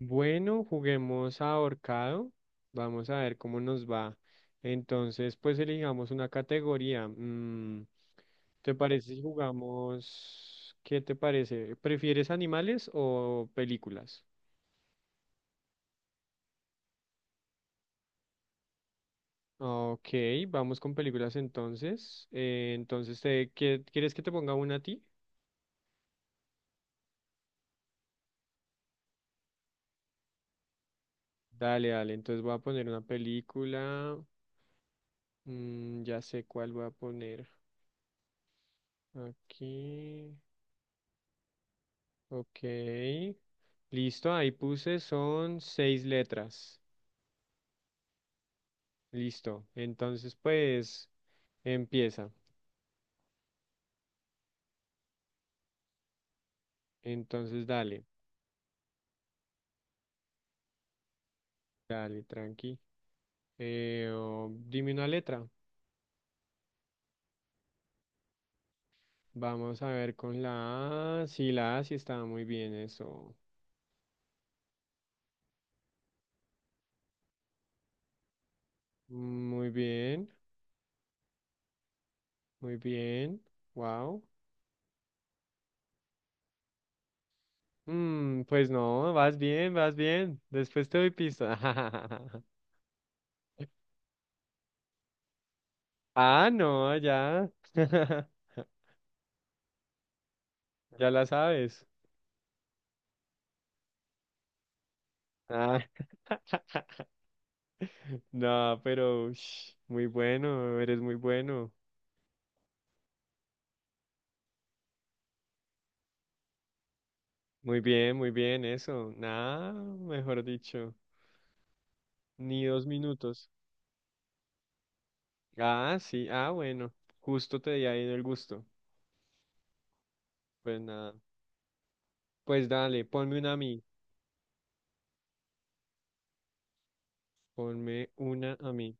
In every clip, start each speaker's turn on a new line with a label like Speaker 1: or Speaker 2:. Speaker 1: Bueno, juguemos a ahorcado. Vamos a ver cómo nos va. Entonces, pues elijamos una categoría. ¿Te parece si jugamos? ¿Qué te parece? ¿Prefieres animales o películas? Ok, vamos con películas entonces. Entonces, ¿ quieres que te ponga una a ti? Dale, dale. Entonces voy a poner una película. Ya sé cuál voy a poner. Aquí. Ok. Listo, ahí puse, son seis letras. Listo. Entonces, pues, empieza. Entonces, dale, dale, tranqui. Oh, dime una letra. Vamos a ver con la A. Sí, la A sí estaba muy bien eso. Muy bien, muy bien. Wow. Mm, pues no, vas bien, vas bien. Después te doy pista. Ah, no, ya. Ya la sabes. No, pero ush, muy bueno, eres muy bueno. Muy bien, eso. Nada, mejor dicho, ni dos minutos. Ah, sí, ah, bueno, justo te di ahí el gusto. Pues nada, pues dale, ponme una a mí, ponme una a mí.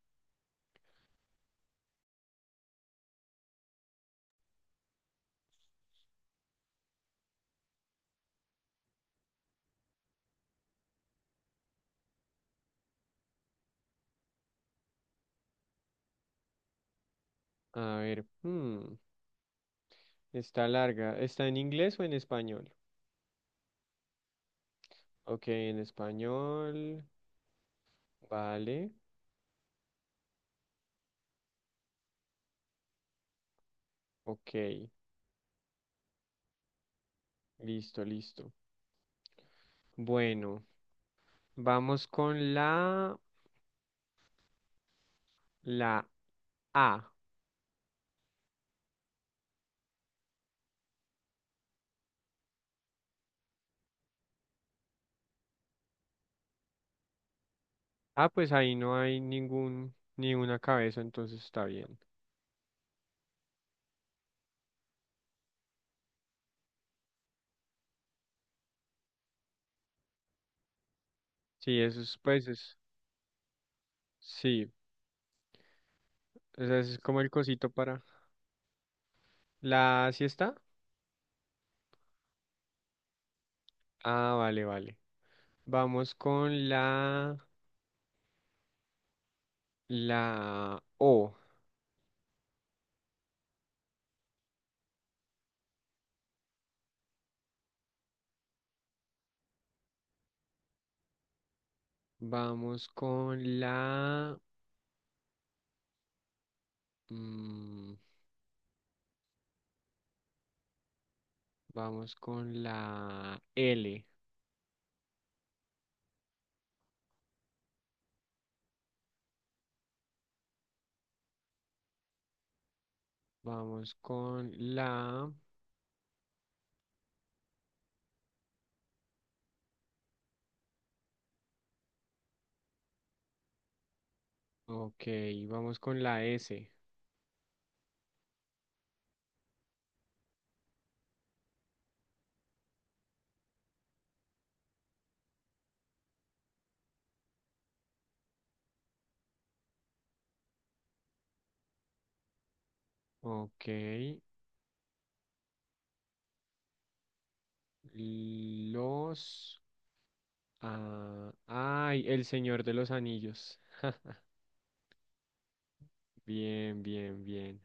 Speaker 1: A ver, está larga. ¿Está en inglés o en español? Ok, en español, vale, ok, listo, listo. Bueno, vamos con la A. Ah, pues ahí no hay ningún, ni una cabeza, entonces está bien. Sí, eso es, sí, ese es como el cosito para la siesta. Ah, vale, vale. Vamos con la O. Vamos con la, mm, vamos con la L. Vamos con la, ok, vamos con la S. Ok, los... Ah, ay, El Señor de los Anillos. Ja, bien, bien, bien.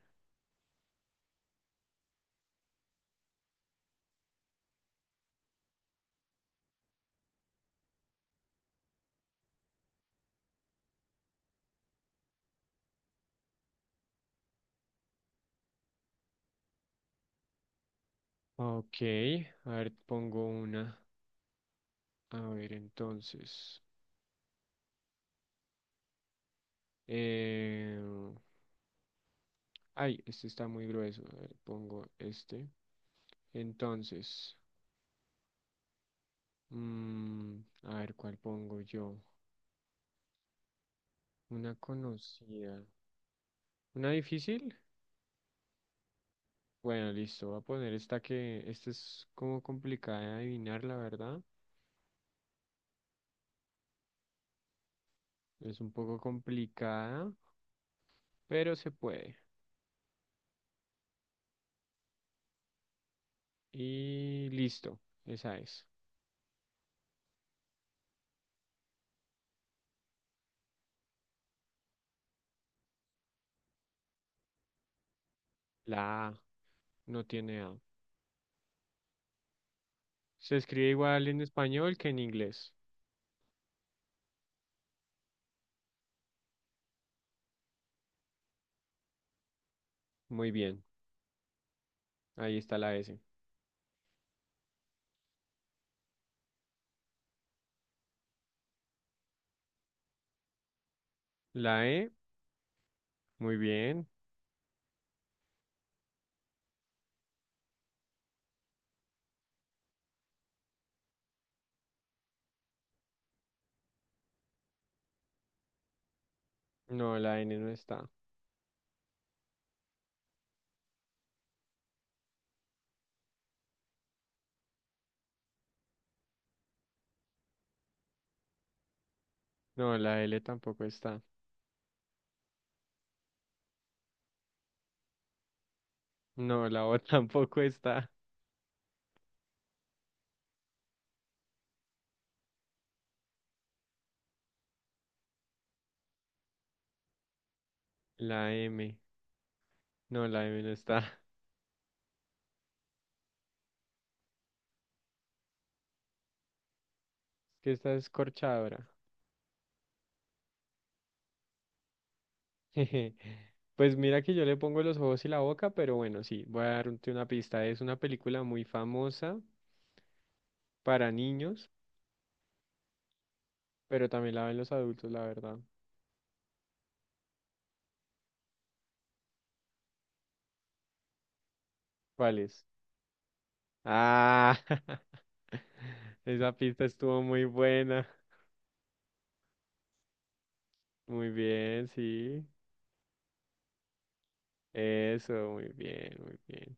Speaker 1: Ok, a ver, pongo una. A ver, entonces, eh, ay, este está muy grueso. A ver, pongo este. Entonces, a ver, ¿cuál pongo yo? Una conocida. ¿Una difícil? Bueno, listo, voy a poner esta que, esta es como complicada de adivinar, la verdad. Es un poco complicada, pero se puede. Y listo, esa es. La A no tiene A. Se escribe igual en español que en inglés. Muy bien, ahí está la S. La E, muy bien. No, la N no está. No, la L tampoco está. No, la O tampoco está. La M, no, la M no está. Es que está escorchadora. Pues mira que yo le pongo los ojos y la boca, pero bueno, sí, voy a darte una pista. Es una película muy famosa para niños, pero también la ven los adultos, la verdad. ¿Cuál es? Ah, esa pista estuvo muy buena. Muy bien, sí. Eso, muy bien, muy bien.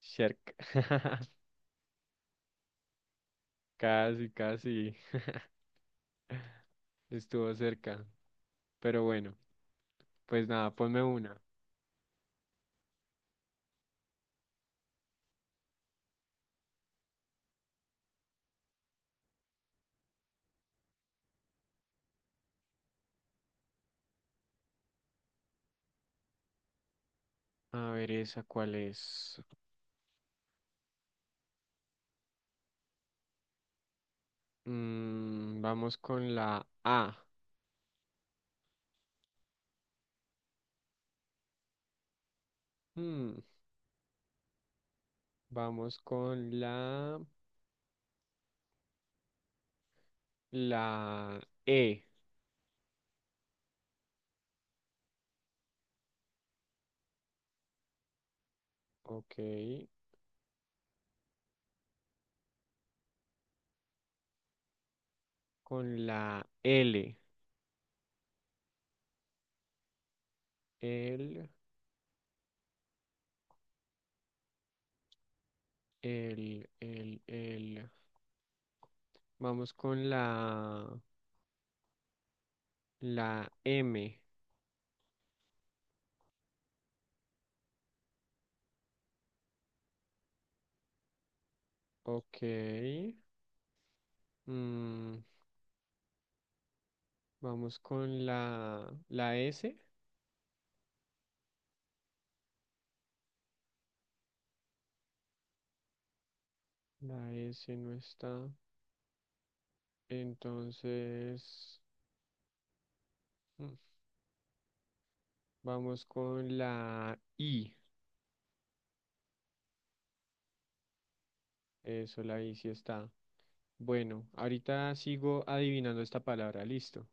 Speaker 1: Shark. Casi, casi. Estuvo cerca. Pero bueno, pues nada, ponme una. A ver, esa cuál es. Vamos con la A. Mm, vamos con la E. Ok. Con la L. L. El, el. Vamos con la M. Ok. Mm, vamos con la S. La S no está. Entonces, mm, vamos con la I. Eso, la I sí está. Bueno, ahorita sigo adivinando esta palabra. Listo.